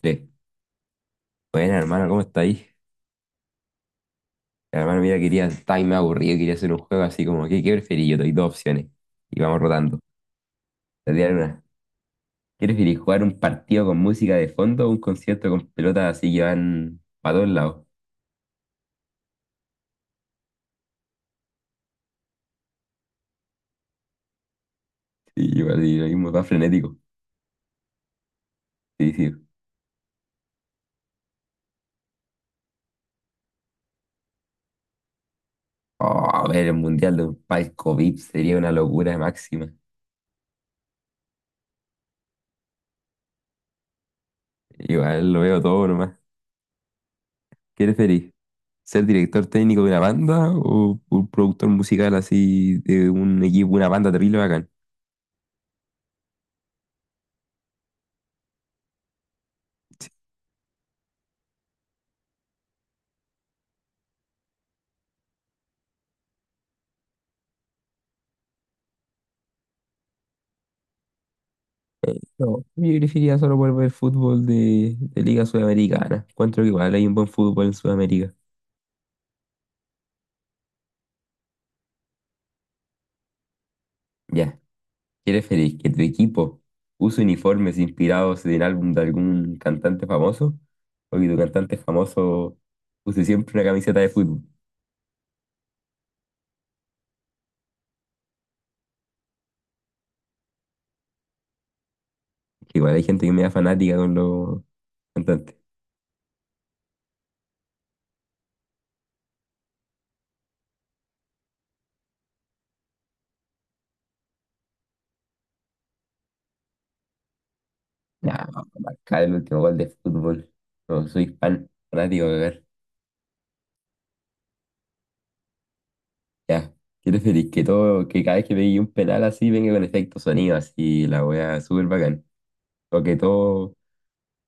Tres. Bueno, hermano, ¿cómo está ahí? Hermano, mira, estaba ahí me aburrido, quería hacer un juego así como, ¿qué preferís? Yo te doy dos opciones y vamos rotando. Te voy a dar una. ¿Qué preferís, jugar un partido con música de fondo o un concierto con pelotas así que van para todos lados? Sí, igual, y lo mismo, va frenético. Sí, sí. Oh, ver el mundial de un palco VIP sería una locura máxima. Igual lo veo todo nomás. ¿Qué preferís? ¿Ser director técnico de una banda o un productor musical así de un equipo, una banda terrible bacán? No, yo elegiría solo por ver fútbol de Liga Sudamericana. Encuentro que igual hay un buen fútbol en Sudamérica. Ya, ¿qué preferís? ¿Que tu equipo use uniformes inspirados en el álbum de algún cantante famoso? ¿O que tu cantante famoso use siempre una camiseta de fútbol? Que igual hay gente que me da fanática con los cantantes. Ya, marcar el último gol de fútbol. No, soy fanático de ver. Ya, ¿qué preferís? Que todo, que cada vez que veis un penal así venga con efecto sonido así, la wea súper bacán. O que todo,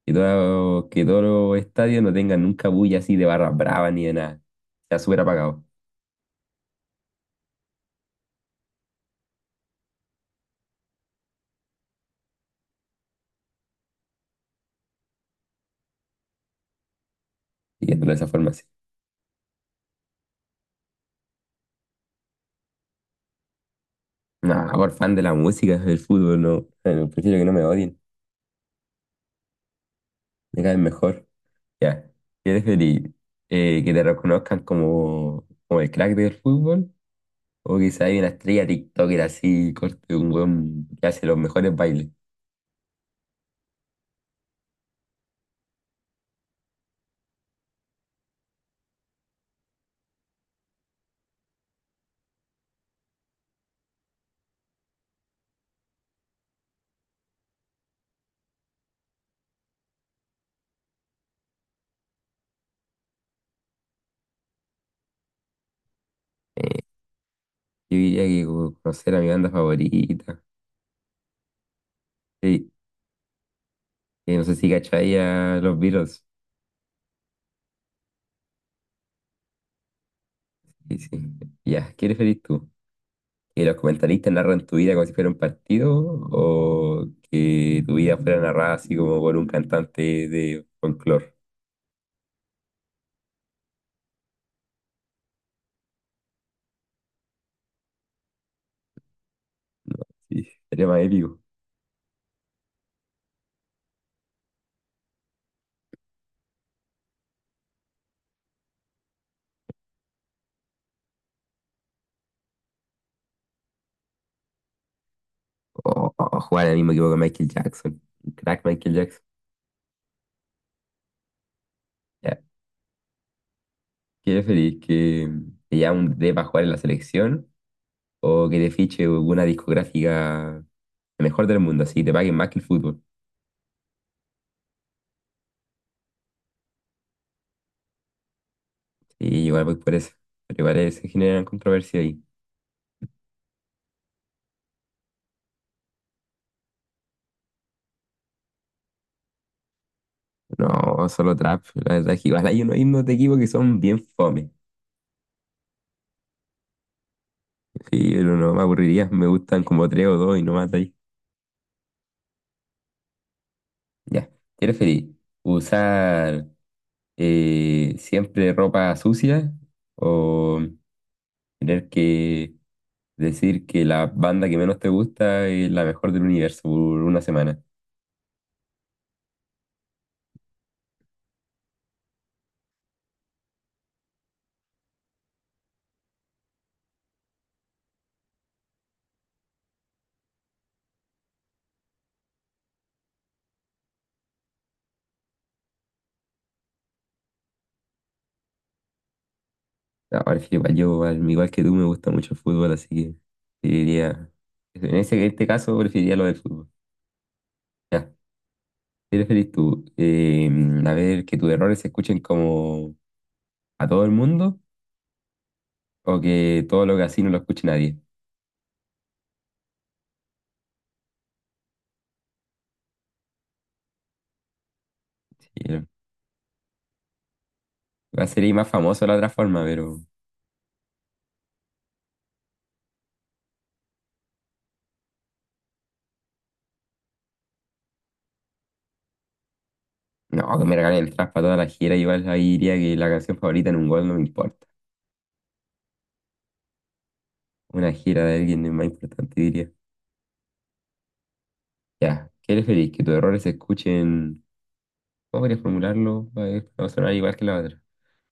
que todos los estadios no tengan nunca bulla así de barras bravas ni de nada. Sea súper apagado, viéndolo de esa forma así. No, por fan de la música, del fútbol, no. Prefiero que no me odien, me caen mejor. Ya, ¿quieres feliz? ¿Que te reconozcan como, como el crack del fútbol? O quizá hay una estrella TikToker así, corte, un weón que hace los mejores bailes. Eh, yo diría que como conocer a mi banda favorita. Sí, no sé si cacháis a los Beatles. Sí, sí. Ya, ¿qué preferís tú? ¿Que los comentaristas narran tu vida como si fuera un partido o que tu vida fuera narrada así como por un cantante de folclore? No, sí, sería más épico. O, o jugar en el mismo equipo que Michael Jackson. Un crack Michael Jackson. Ya, ¿qué preferís? ¿Que te llamen de para jugar en la selección o que te fiche una discográfica mejor del mundo, así te paguen más que el fútbol? Sí, igual voy por eso. Pero igual se generan controversia ahí. No, solo trap. La verdad es que igual hay unos himnos de equipo que son bien fome. Sí, pero no me aburriría. Me gustan como tres o dos y no más de ahí. Ya. ¿Te feliz? Usar siempre ropa sucia, o tener que decir que la banda que menos te gusta es la mejor del universo por una semana? No, prefiero igual yo, al igual que tú, me gusta mucho el fútbol, así que preferiría. En este caso, preferiría lo del fútbol. Ya. ¿Qué preferís tú? A ver, que tus errores se escuchen como a todo el mundo o que todo lo que así no lo escuche nadie. Sí, va a ser más famoso de la otra forma, pero no, que me regalen el trap para toda la gira. Igual ahí diría que la canción favorita en un gol no me importa. Una gira de alguien es más importante, diría. Ya, ¿qué preferís? Que tus errores se escuchen. ¿Cómo querés formularlo? Va a sonar igual que la otra.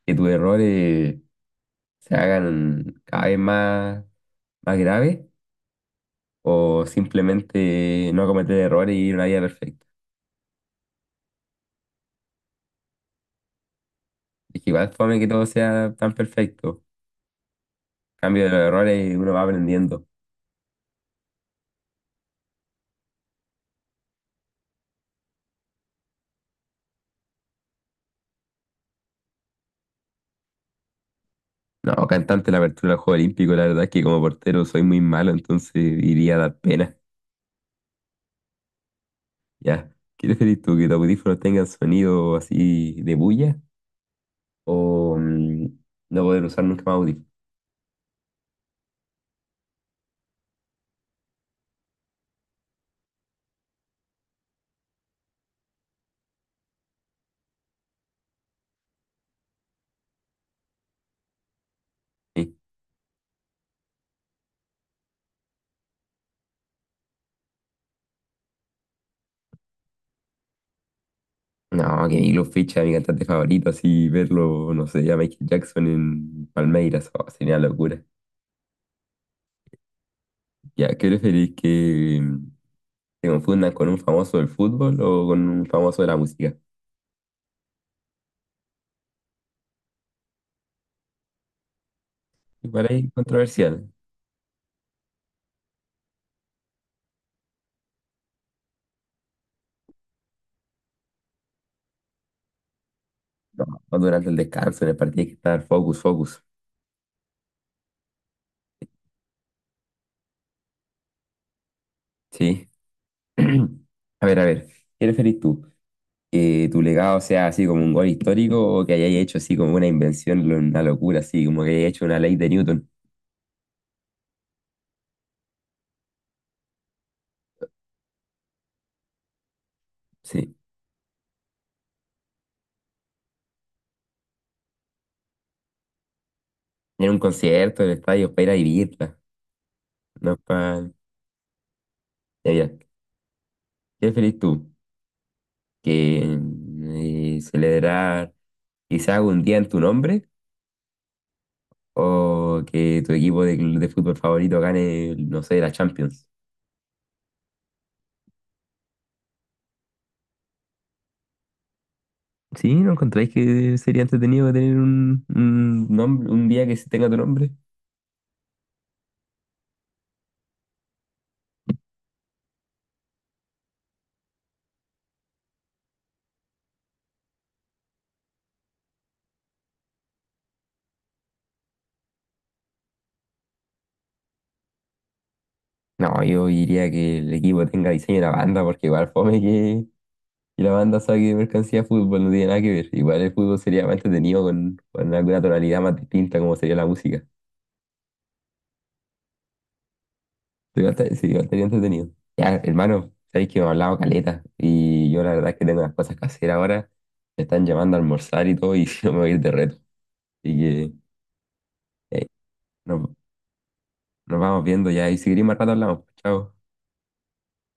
Que tus errores se hagan cada vez más graves o simplemente no cometer errores y ir una vida perfecta. Es que igual es fome que todo sea tan perfecto. Cambio de los errores uno va aprendiendo. No, cantante la apertura del Juego Olímpico, la verdad es que como portero soy muy malo, entonces iría a dar pena. Ya, ¿qué preferís tú? ¿Que tus audífonos tengan sonido así de bulla, o no poder usar nunca más audífonos? Sí. No, que Milo Ficha, mi cantante favorito, así verlo, no sé, a Michael Jackson en Palmeiras, oh, sería una locura. Ya, ¿qué preferís que ¿te confundan con un famoso del fútbol o con un famoso de la música? Igual ahí es controversial. No, no durante el descanso, en el partido hay que estar focus, focus. Sí. A ver, ¿qué preferís tú? ¿Que tu legado sea así como un gol histórico o que hayáis hecho así como una invención, una locura, así como que hayáis hecho una ley de Newton? Sí. En un concierto, en el estadio, para ir a vivirla. No para... Ya, ya. ¿Qué preferís tú? ¿Que celebrar quizás un día en tu nombre, o que tu equipo de fútbol favorito gane, no sé, la Champions? ¿Sí? ¿No encontráis que sería entretenido tener un nombre, un día que se tenga tu nombre? No, yo diría que el equipo tenga diseño de la banda, porque igual fome que la banda saque mercancía de fútbol, no tiene nada que ver. Igual el fútbol sería más entretenido con alguna tonalidad más distinta, como sería la música. Igual te- sí, igual sería entretenido. Ya, hermano, sabéis que me ha hablado caleta, y yo la verdad es que tengo unas cosas que hacer ahora. Me están llamando a almorzar y todo, y yo me voy a ir de reto. Y que, eh, nos, nos vamos viendo ya. Y si queréis más rato hablamos. Chao.